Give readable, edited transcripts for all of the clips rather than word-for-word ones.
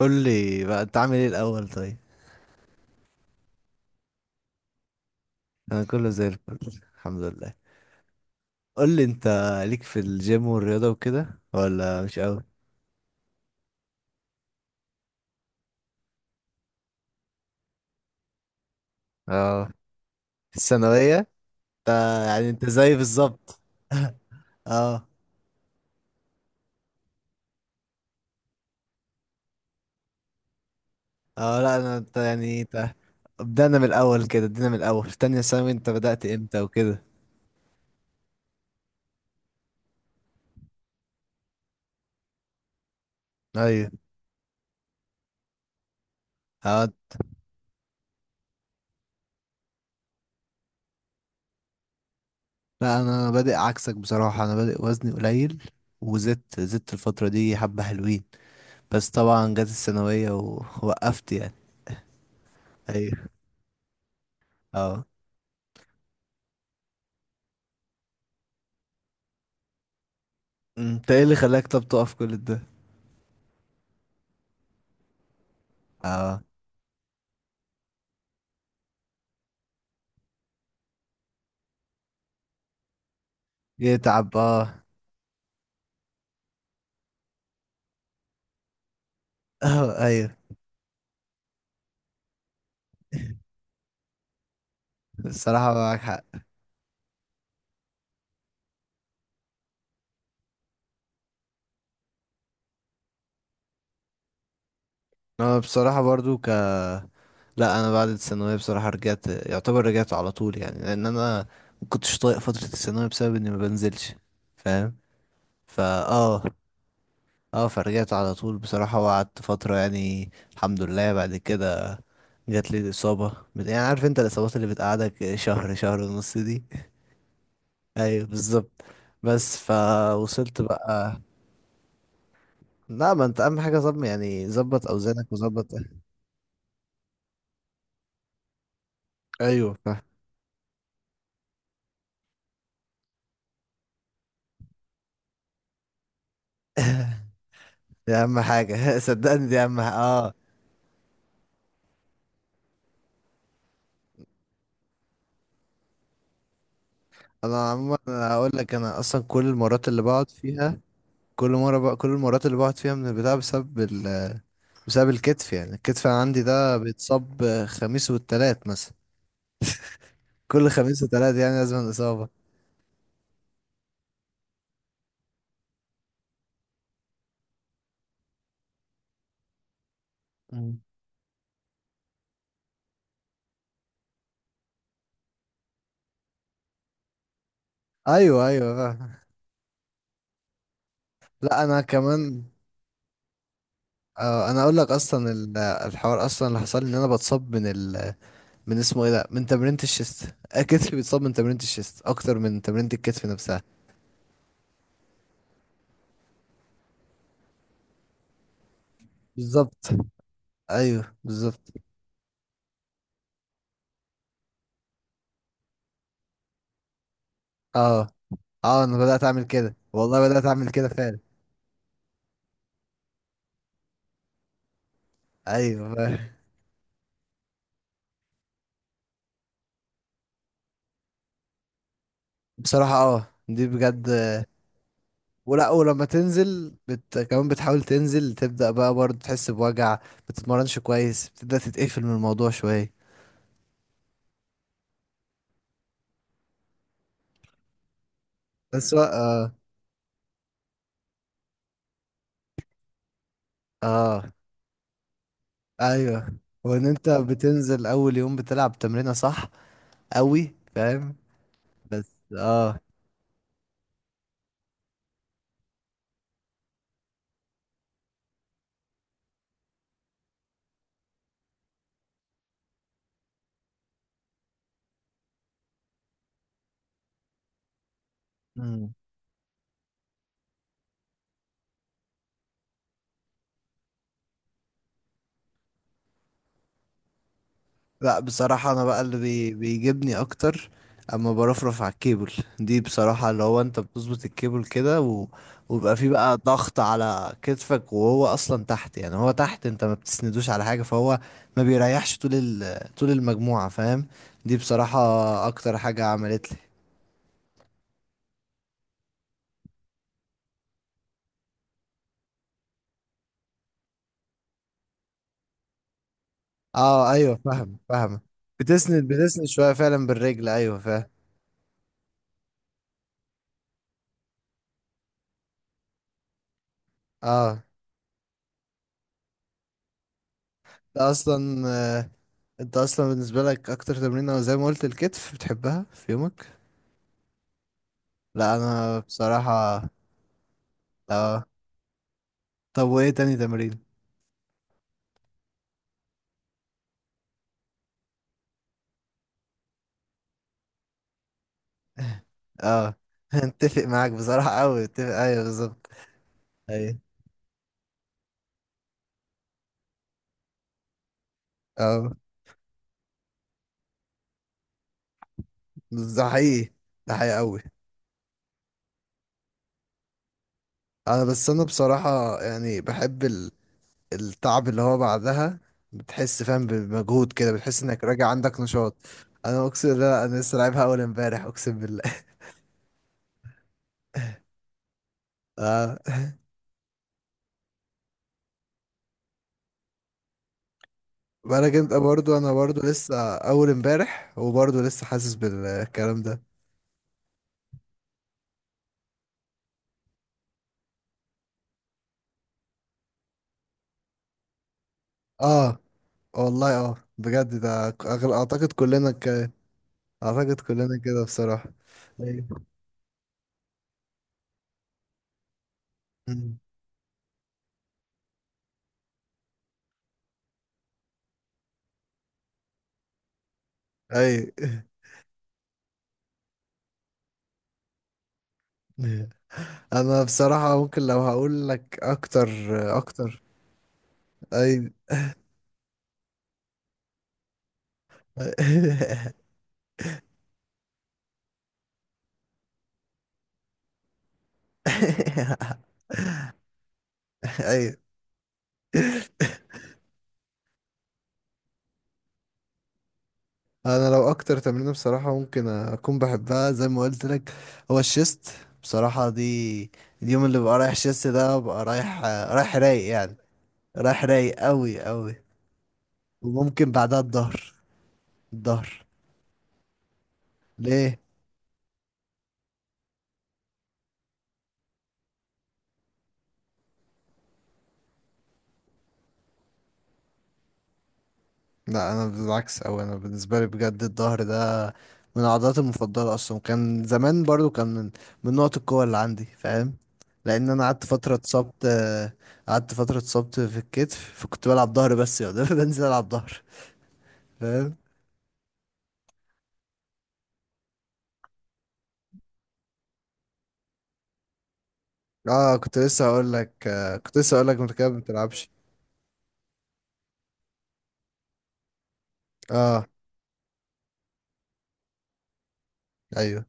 قول لي بقى انت عامل ايه الاول طيب؟ انا كله زي الفل، الحمد لله. قول لي انت، ليك في الجيم والرياضه وكده ولا مش قوي؟ اه، في الثانويه انت؟ يعني انت زي بالظبط. اه. اه، لا انا، انت يعني انت، بدأنا من الاول كده، ادينا من الاول تانية ثانوي، انت بدأت امتى وكده؟ ايوه، اه. لا انا بادئ عكسك بصراحه، انا بادئ وزني قليل، وزدت، زدت الفتره دي حبه حلوين، بس طبعا جت الثانويه ووقفت يعني. ايوه، اه. انت ايه اللي خلاك طب تقف كل ده؟ اه، يتعب، اه. اه، ايوه. الصراحة معاك حق. انا بصراحة برضو لا، انا بعد الثانوية بصراحة رجعت، يعتبر رجعت على طول يعني، لان انا ما كنتش طايق فترة الثانوية بسبب اني ما بنزلش، فاهم، فا اه. اه، فرجعت على طول بصراحة، وقعدت فترة يعني الحمد لله، بعد كده جات لي الإصابة، يعني عارف انت الإصابات اللي بتقعدك شهر شهر ونص دي. ايوه بالظبط. بس فوصلت بقى. لا، ما انت اهم حاجه ظبط، يعني ظبط اوزانك وظبط. ايوه، فاهم. دي اهم حاجه صدقني، دي اهم حاجه، اه. انا عموما، انا هقول لك، انا اصلا كل المرات اللي بقعد فيها، كل مره بقى كل المرات اللي بقعد فيها من البتاع بسبب الكتف، يعني الكتف عندي ده بيتصاب خميس والتلات مثلا، كل خميس وتلات يعني لازم الاصابه. مم، ايوه ايوه، فاهم. لا انا كمان، انا اقول لك اصلا الحوار اصلا اللي حصل لي ان انا بتصاب من اسمه ايه ده، من تمرينة الشيست، كتفي بيتصاب من تمرينة الشيست اكتر من تمرينة الكتف نفسها. بالظبط، ايوه بالظبط. اه اه، انا بدأت اعمل كده والله، بدأت اعمل كده فعلا. ايوه، بصراحة اه، دي بجد، ولا ولما تنزل، كمان بتحاول تنزل، تبدأ بقى برضه تحس بوجع، بتتمرنش كويس، بتبدأ تتقفل من الموضوع شوية، بس اه. اه ايوه، وان انت بتنزل اول يوم بتلعب تمرينة صح قوي، فاهم، بس، اه. مم، لا بصراحة، أنا بقى اللي بيجيبني أكتر أما برفرف على الكيبل، دي بصراحة اللي هو أنت بتظبط الكيبل كده، ويبقى فيه بقى ضغط على كتفك، وهو أصلا تحت، يعني هو تحت، أنت ما بتسندوش على حاجة، فهو ما بيريحش طول طول المجموعة، فاهم. دي بصراحة أكتر حاجة عملت لي. اه، ايوه فاهم فاهم، بتسند شوية فعلا بالرجل، ايوه فاهم. اه، ده اصلا، انت اصلا بالنسبه لك اكتر تمرين زي ما قلت الكتف بتحبها في يومك. لا، انا بصراحه، اه. طب وايه تاني تمرين؟ اه اتفق معاك بصراحه قوي، اتفق، ايوه بالظبط. ايوه، اه، بس ده حقيقي، ده حقيقي قوي. انا بس، انا بصراحه يعني بحب التعب اللي هو بعدها، بتحس فاهم بمجهود كده، بتحس انك راجع عندك نشاط. انا اقسم، لا انا لسه لعبها اول امبارح، اقسم بالله. اه، بالك انت برضو، انا برضو لسه اول امبارح، وبرضو لسه حاسس بالكلام ده. اه والله، اه بجد، ده أغل... اعتقد كلنا ك... اعتقد كلنا كده بصراحة. اي اي. انا بصراحة ممكن لو هقول لك اكتر اكتر. اي. اي، انا لو اكتر تمرينه بصراحه ممكن اكون بحبها زي ما قلت لك، هو الشيست، بصراحه دي. اليوم اللي ببقى رايح شيست ده ببقى رايح، رايح رايق يعني، رايح رايق قوي قوي. وممكن بعدها الظهر. الظهر ليه؟ لا انا بالعكس، او انا بالنسبه لي بجد الظهر ده من عضلاتي المفضله اصلا، كان زمان برضو كان من نقط القوه اللي عندي، فاهم. لان انا قعدت فتره اتصبت، قعدت فتره اتصبت في الكتف، فكنت بلعب ظهر بس يا دوب بنزل العب ظهر، فاهم. اه، كنت لسه هقول لك انت كده ما بتلعبش. اه، ايوه.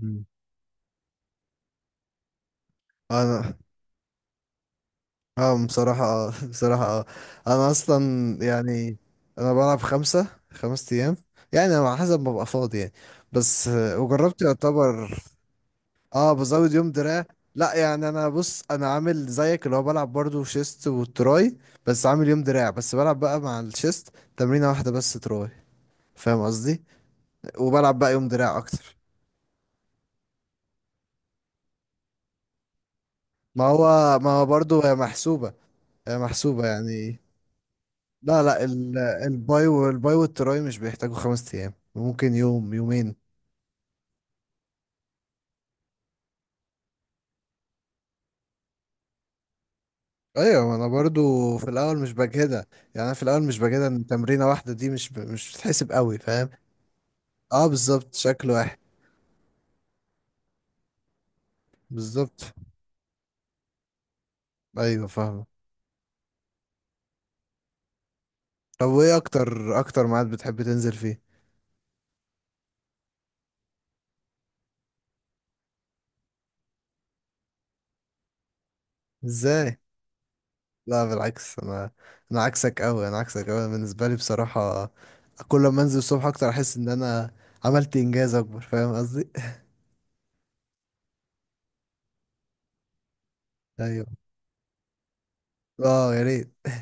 مم. انا اه بصراحة، اه بصراحة اه، انا اصلا يعني انا بلعب خمس ايام، يعني على حسب ما ببقى فاضي يعني، بس، وجربت يعتبر، اه، بزود يوم دراع. لا يعني انا بص، انا عامل زيك اللي هو بلعب برضو شيست وتراي، بس عامل يوم دراع، بس بلعب بقى مع الشيست تمرينة واحدة بس تراي، فاهم قصدي، وبلعب بقى يوم دراع اكتر. ما هو برضه هي محسوبة، هي محسوبة يعني. لا لا، الباي والباي والتراي مش بيحتاجوا 5 أيام، ممكن يوم يومين. أيوة، ما أنا برضه في الأول مش بجهدها، يعني أنا في الأول مش بجهدها، إن تمرينة واحدة دي مش بتحسب قوي، فاهم. أه بالظبط، شكل واحد، بالظبط، أيوة فاهم. طب وإيه أكتر أكتر ميعاد بتحب تنزل فيه؟ إزاي؟ لا بالعكس انا عكسك قوي، انا عكسك قوي بالنسبه لي بصراحه. كل ما انزل الصبح اكتر، احس ان انا عملت انجاز اكبر، فاهم قصدي. ايوه، اه، يا ريت.